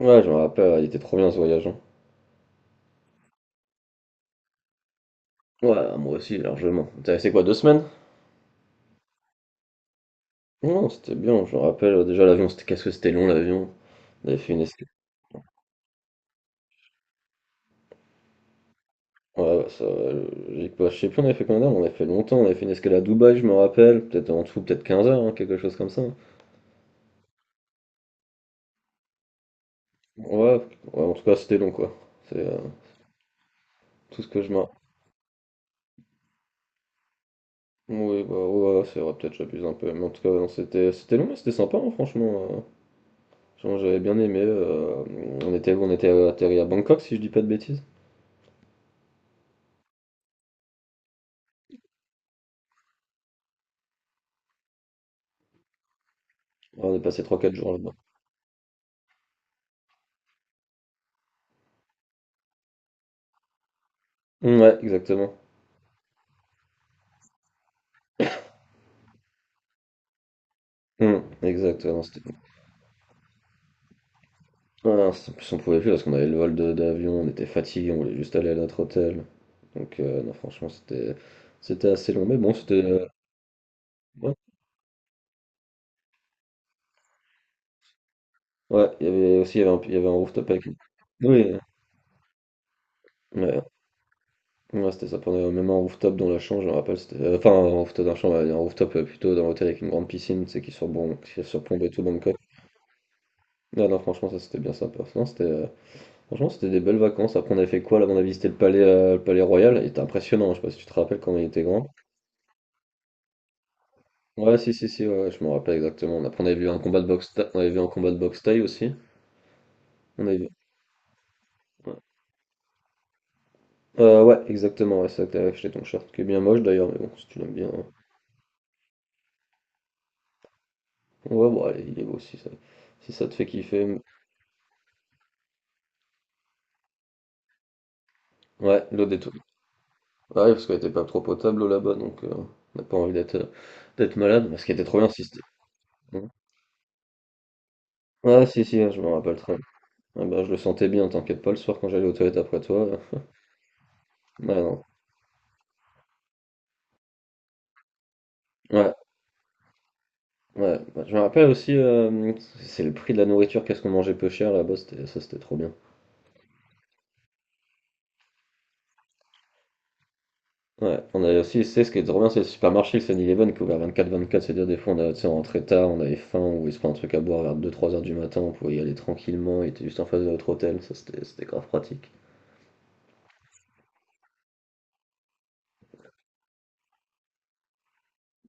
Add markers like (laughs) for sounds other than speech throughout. Ouais, je me rappelle, il était trop bien ce voyage, hein. Ouais, moi aussi, largement. T'es resté quoi, deux semaines? Non, c'était bien, je me rappelle. Déjà, l'avion, c'était, qu'est-ce que c'était long, l'avion. On avait fait une escale. Ouais, ouais, ça, j'ai pas- Je sais plus, on avait fait combien d'heures, mais on avait fait longtemps. On avait fait une escale à Dubaï, je me rappelle. Peut-être en tout, peut-être 15 heures, hein, quelque chose comme ça. Ouais, ouais, en tout cas, c'était long, quoi. C'est tout ce que je me. Oui, bah ouais, c'est vrai, peut-être j'abuse un peu. Mais en tout cas, non, c'était long, mais c'était sympa, hein, franchement, genre. J'avais bien aimé, on était, on était atterri à Bangkok, si je dis pas de bêtises. Ouais, on est passé trois quatre jours là-bas. Mm, ouais, exactement. Mm, exact, ouais, non, bon. Ouais, non, c'est- en plus, on pouvait plus parce qu'on avait le vol d'avion, on était fatigué, on voulait juste aller à notre hôtel. Donc, non, franchement, c'était assez long, mais bon, c'était, ouais. Ouais, il y avait aussi, il y avait un rooftop avec. Oui, ouais, ouais, c'était ça. On avait même un rooftop dans la chambre, je me rappelle. Enfin, un rooftop dans la chambre, un rooftop, plutôt dans l'hôtel avec une grande piscine, qui surplombe tout Bangkok. Non, non, franchement, ça c'était bien sympa. Non, c'était, franchement, c'était des belles vacances. Après, on avait fait quoi là? On a visité le palais royal. Il était impressionnant. Je sais pas si tu te rappelles quand il était grand. Ouais, si, si, si, ouais, ouais, je me rappelle exactement. Après, on avait vu un combat de boxe, on avait vu un combat de boxe thaï aussi. On avait vu. Ouais, euh, ouais, exactement. Ouais, c'est ça que t'avais acheté ton shirt, qui est bien moche d'ailleurs, mais bon, si tu l'aimes bien, hein. Ouais, bon, allez, il est beau, si ça te fait kiffer, mais- Ouais, l'eau des tout. Ouais, parce qu'elle était pas trop potable l'eau là-bas, donc on n'a pas envie d'être, d'être malade. Mais ce qui était trop bien, si c'était. Hein. Ouais, si, si, hein, je me rappelle très. Ah bah, je le sentais bien, t'inquiète pas, le soir quand j'allais aux toilettes après toi. (laughs) Ouais, non. Ouais, ouais. Bah, je me rappelle aussi, c'est le prix de la nourriture, qu'est-ce qu'on mangeait peu cher là-bas, c'était- ça c'était trop bien. Ouais, on avait aussi, c'est ce qui est trop bien, c'est le supermarché, le 7-Eleven qui est ouvert 24/24, c'est-à-dire des fois tu sais, on rentrait tard, on avait faim, ou voulait se prendre un truc à boire vers 2 3 heures du matin, on pouvait y aller tranquillement, il était juste en face de notre hôtel, ça c'était grave pratique.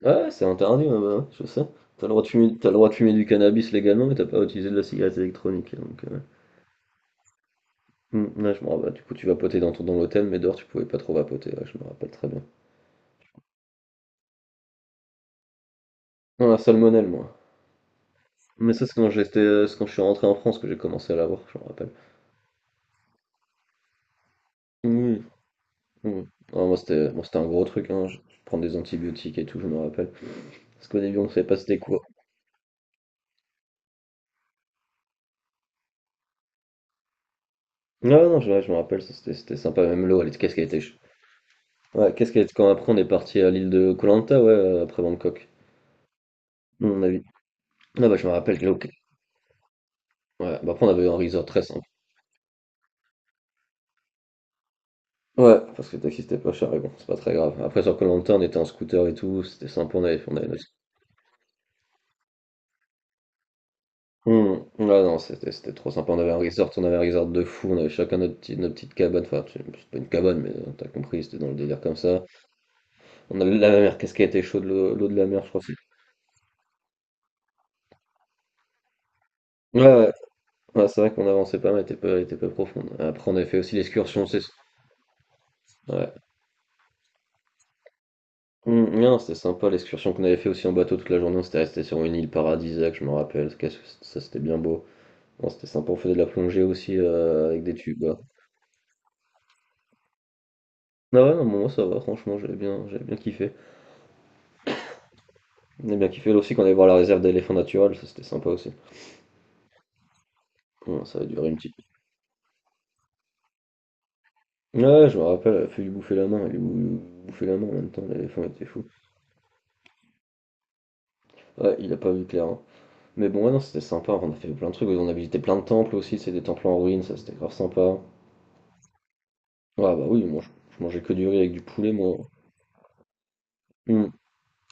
Ouais, c'est interdit, ouais, bah, ouais, je sais. T'as le droit de fumer, t'as le droit de fumer du cannabis légalement, mais t'as pas à utiliser de la cigarette électronique, hein, donc... Mmh, ouais, je me rappelle, du coup, tu vapotais dans ton dans l'hôtel, mais dehors, tu pouvais pas trop vapoter, ouais, je me rappelle très bien. Non, la salmonelle, moi. Mais ça, c'est quand je suis rentré en France que j'ai commencé à l'avoir, je me rappelle. Oui, oui. Ah, moi, c'était un gros truc, hein. Je prends des antibiotiques et tout, je me rappelle. Parce qu'au début, on savait pas c'était quoi. Ah, ouais, non, ouais, je me rappelle, ça, c'était sympa, même l'eau, elle était- qu'est-ce qu'elle était, ch- Ouais, qu'est-ce qu'elle était. Quand après, on est parti à l'île de Koh Lanta, ouais, après Bangkok. On a vu. Ah, bah, je me rappelle que l'eau. Ouais, bah, après, on avait eu un resort très sympa. Ouais, parce que le taxi c'était pas cher, mais bon, c'est pas très grave. Après, sur koh on était en scooter et tout, c'était sympa, on avait notre- Hmm, ouais, non, c'était trop sympa, on avait un resort, on avait un resort de fou, on avait chacun notre petite cabane, enfin, c'est pas une cabane, mais t'as compris, c'était dans le délire comme ça. On avait la mer, qu'est-ce qu'elle était chaude, l'eau de la mer, je crois. C'est- Ouais, ouais, c'est vrai qu'on avançait pas mal, elle était pas profonde. Après, on avait fait aussi l'excursion, c'est... Ouais. Hmm, non, c'était sympa, l'excursion qu'on avait fait aussi en bateau toute la journée, on s'était resté sur une île paradisiaque, je me rappelle, qu'est-ce que c- ça c'était bien beau. Non, c'était sympa, on faisait de la plongée aussi, avec des tubes. Ah ouais, non, moi ça va, franchement, j'avais bien kiffé. J'avais bien kiffé là aussi quand on allait voir la réserve d'éléphants naturels, ça c'était sympa aussi. Ouais, ça a duré une petite. Ouais, ouais, je me rappelle, elle a fait lui bouffer la main, bouffait la main en même temps, l'éléphant était fou. Ouais, il a pas vu clair, hein. Mais bon, ouais, non, c'était sympa, on a fait plein de trucs, on a visité plein de temples aussi, c'est des temples en ruine, ça c'était grave sympa. Ouais, bah oui, je mangeais que du riz avec du poulet, moi. Hmm.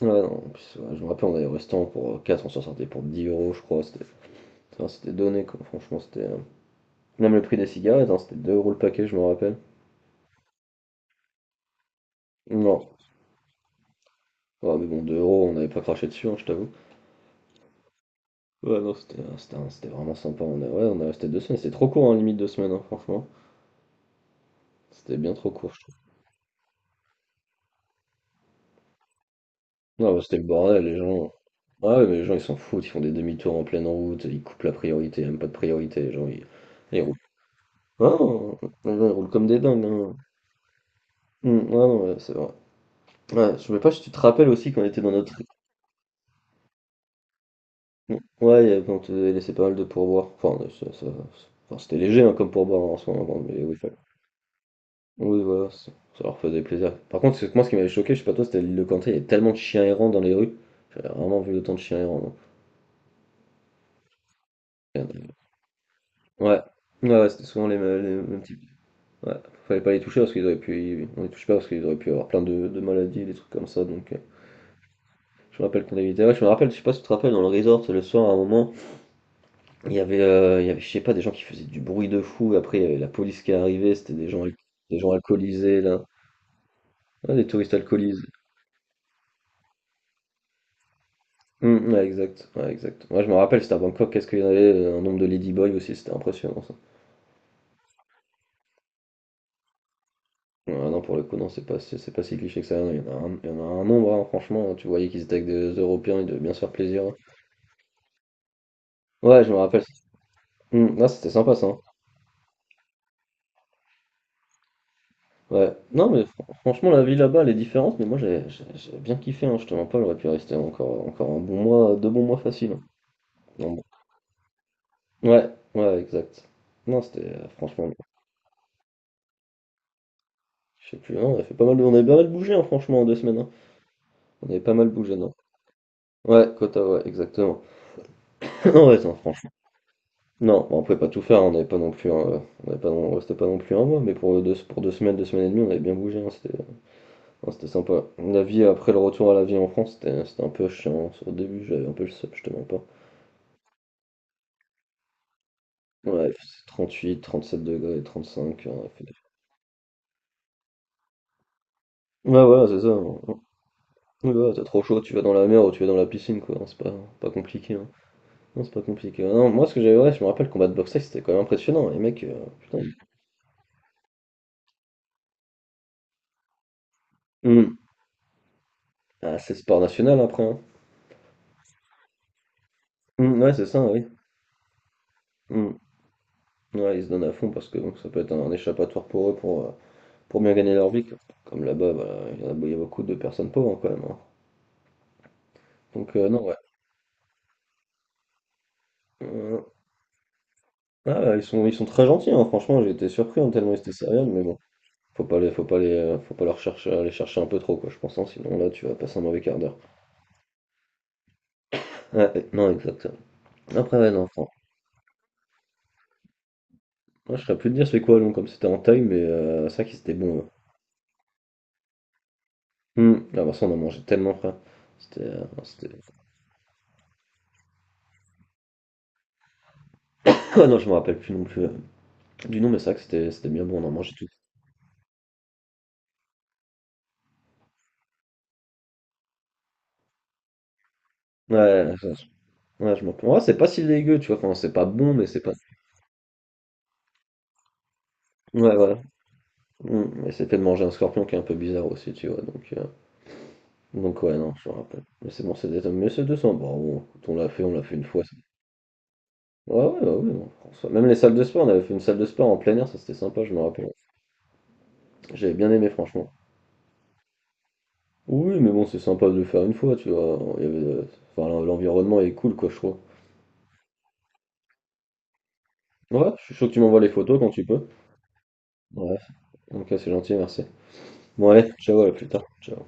Ouais, non, en plus, ouais, je me rappelle, on allait au restaurant pour quatre, on s'en sortait pour 10 euros, je crois, c'était. Enfin, c'était donné, quoi. Franchement, c'était, même le prix des cigarettes, hein, c'était 2 euros le paquet, je me rappelle. Non. Ouais, mais bon, 2 euros, on n'avait pas craché dessus, hein, je t'avoue. Ouais, non, c'était, c'était vraiment sympa. On a, ouais, on a resté deux semaines. C'était trop court, hein, limite deux semaines, hein, franchement. C'était bien trop court, je trouve. Non, bah, c'était le bordel, les gens. Ah ouais, mais les gens, ils s'en foutent, ils font des demi-tours en pleine route, ils coupent la priorité, même pas de priorité, ils roulent. Ah, non, les gens, ils roulent comme des dingues, hein. Ouais, non, ouais, c'est vrai. Ouais, je sais pas si tu te rappelles aussi qu'on était dans notre. Mm. Ouais, il y avait- on te laissait pas mal de pourboires. Enfin, c'était léger hein, comme pourboire en ce moment, mais oui, fallait- oui, voilà, c'est- ça leur faisait plaisir. Par contre, c'est que moi ce qui m'avait choqué, je sais pas toi, c'était l'île de Canté, il y avait tellement de chiens errants dans les rues. J'avais vraiment vu autant de chiens errants, non. Il y en avait- Ouais, ouais, c'était souvent les mêmes types. Ouais, fallait pas les toucher parce qu'ils auraient pu. On les touche pas parce qu'ils auraient pu avoir plein de maladies, des trucs comme ça. Donc, je me rappelle qu'on avait été. Ouais, je me rappelle, je sais pas si tu te rappelles, dans le resort, le soir, à un moment. Il y avait, je sais pas, des gens qui faisaient du bruit de fou. Après, il y avait la police qui est arrivée, c'était des gens al des gens alcoolisés là. Ouais, des touristes alcoolisés. Mmh, ouais, exact, ouais, exact. Moi je me rappelle, c'était à Bangkok, qu'est-ce qu'il y en avait, un nombre de ladyboys aussi, c'était impressionnant ça. Ah non, pour le coup, non, c'est pas si cliché que ça, il y en a un nombre, hein, franchement, tu voyais qu'ils étaient avec des Européens, ils devaient bien se faire plaisir, hein. Ouais, je me rappelle, mmh, ah, c'était sympa ça, hein. Ouais. Non, mais franchement, la vie là-bas, elle est différente, mais moi j'ai bien kiffé, hein, je te mens pas, j'aurais pu rester encore un bon mois, 2 bons mois faciles, hein. Ouais, ouais, exact. Non, c'était, franchement, je sais plus, hein, on a fait pas mal, de- on avait pas mal bougé, hein, franchement, en deux semaines, hein. On avait pas mal bougé, non? Ouais, quota, ouais, exactement. (laughs) Non, ouais, non, franchement. Non, bon, on pouvait pas tout faire, hein, on n'avait pas non plus, hein, on avait pas non- on restait pas non plus un mois, mais pour deux semaines et demie, on avait bien bougé, hein, c'était sympa. La vie après le retour à la vie en France, c'était un peu chiant, hein. Au début, j'avais un peu le seum, je te mens pas. Ouais, il faisait 38, 37 degrés, 35, hein, fait. Ouais, voilà, c'est ça, hein. Ouais, ouais, t'as trop chaud, tu vas dans la mer ou tu vas dans la piscine, quoi, hein. C'est pas, pas compliqué, hein. Non, c'est pas compliqué. Non, moi, ouais, je me rappelle, le combat de boxe, c'était quand même impressionnant. Les mecs, putain. Hmm. Ah, c'est sport national après, hein. Hmm, ouais, c'est ça, oui. Hmm. Ouais, ils se donnent à fond parce que donc, ça peut être un échappatoire pour eux pour bien gagner leur vie, quoi. Comme là-bas, bah, il y a beaucoup de personnes pauvres hein, quand même, hein. Donc, non, ouais. Euh, ah, ils sont très gentils, hein, franchement, j'ai été surpris hein, tellement ils étaient sérieux, mais bon, faut pas leur chercher, les chercher un peu trop, quoi, je pense, hein, sinon là, tu vas passer un mauvais quart d'heure. Ouais, ouais, non, exactement. Après, ouais, non, franchement. Moi, je serais plus de dire c'est quoi, long, comme c'était en taille, mais c'est vrai qu'il c'était bon. Ouais. Hmm. Ah, bah, ça, on en mangeait tellement, frère. C'était, non, c'était... (laughs) Ah, non, je me rappelle plus non plus, du nom, mais c'est vrai que c'était bien bon, on en mangeait tout. Ouais, ouais, je m'en rappelle. Ouais, c'est pas si dégueu, tu vois. Enfin, c'est pas bon, mais c'est pas. Ouais, voilà. Hmm. Et c'était de manger un scorpion qui est un peu bizarre aussi, tu vois. Donc ouais, non, je me rappelle. Mais c'est bon, c'est des... Mais c'est 200. Bon, bon, écoute, on l'a fait une fois, c'est- Ouais, ouais, non, François. Même les salles de sport, on avait fait une salle de sport en plein air, ça c'était sympa, je me rappelle. J'avais bien aimé franchement. Oui, mais bon, c'est sympa de le faire une fois, tu vois. Il y avait, enfin, l'environnement est cool, quoi, je trouve. Ouais, je suis chaud que tu m'envoies les photos quand tu peux. Ouais, ok, c'est gentil, merci. Bon, allez, ciao, à plus tard. Ciao.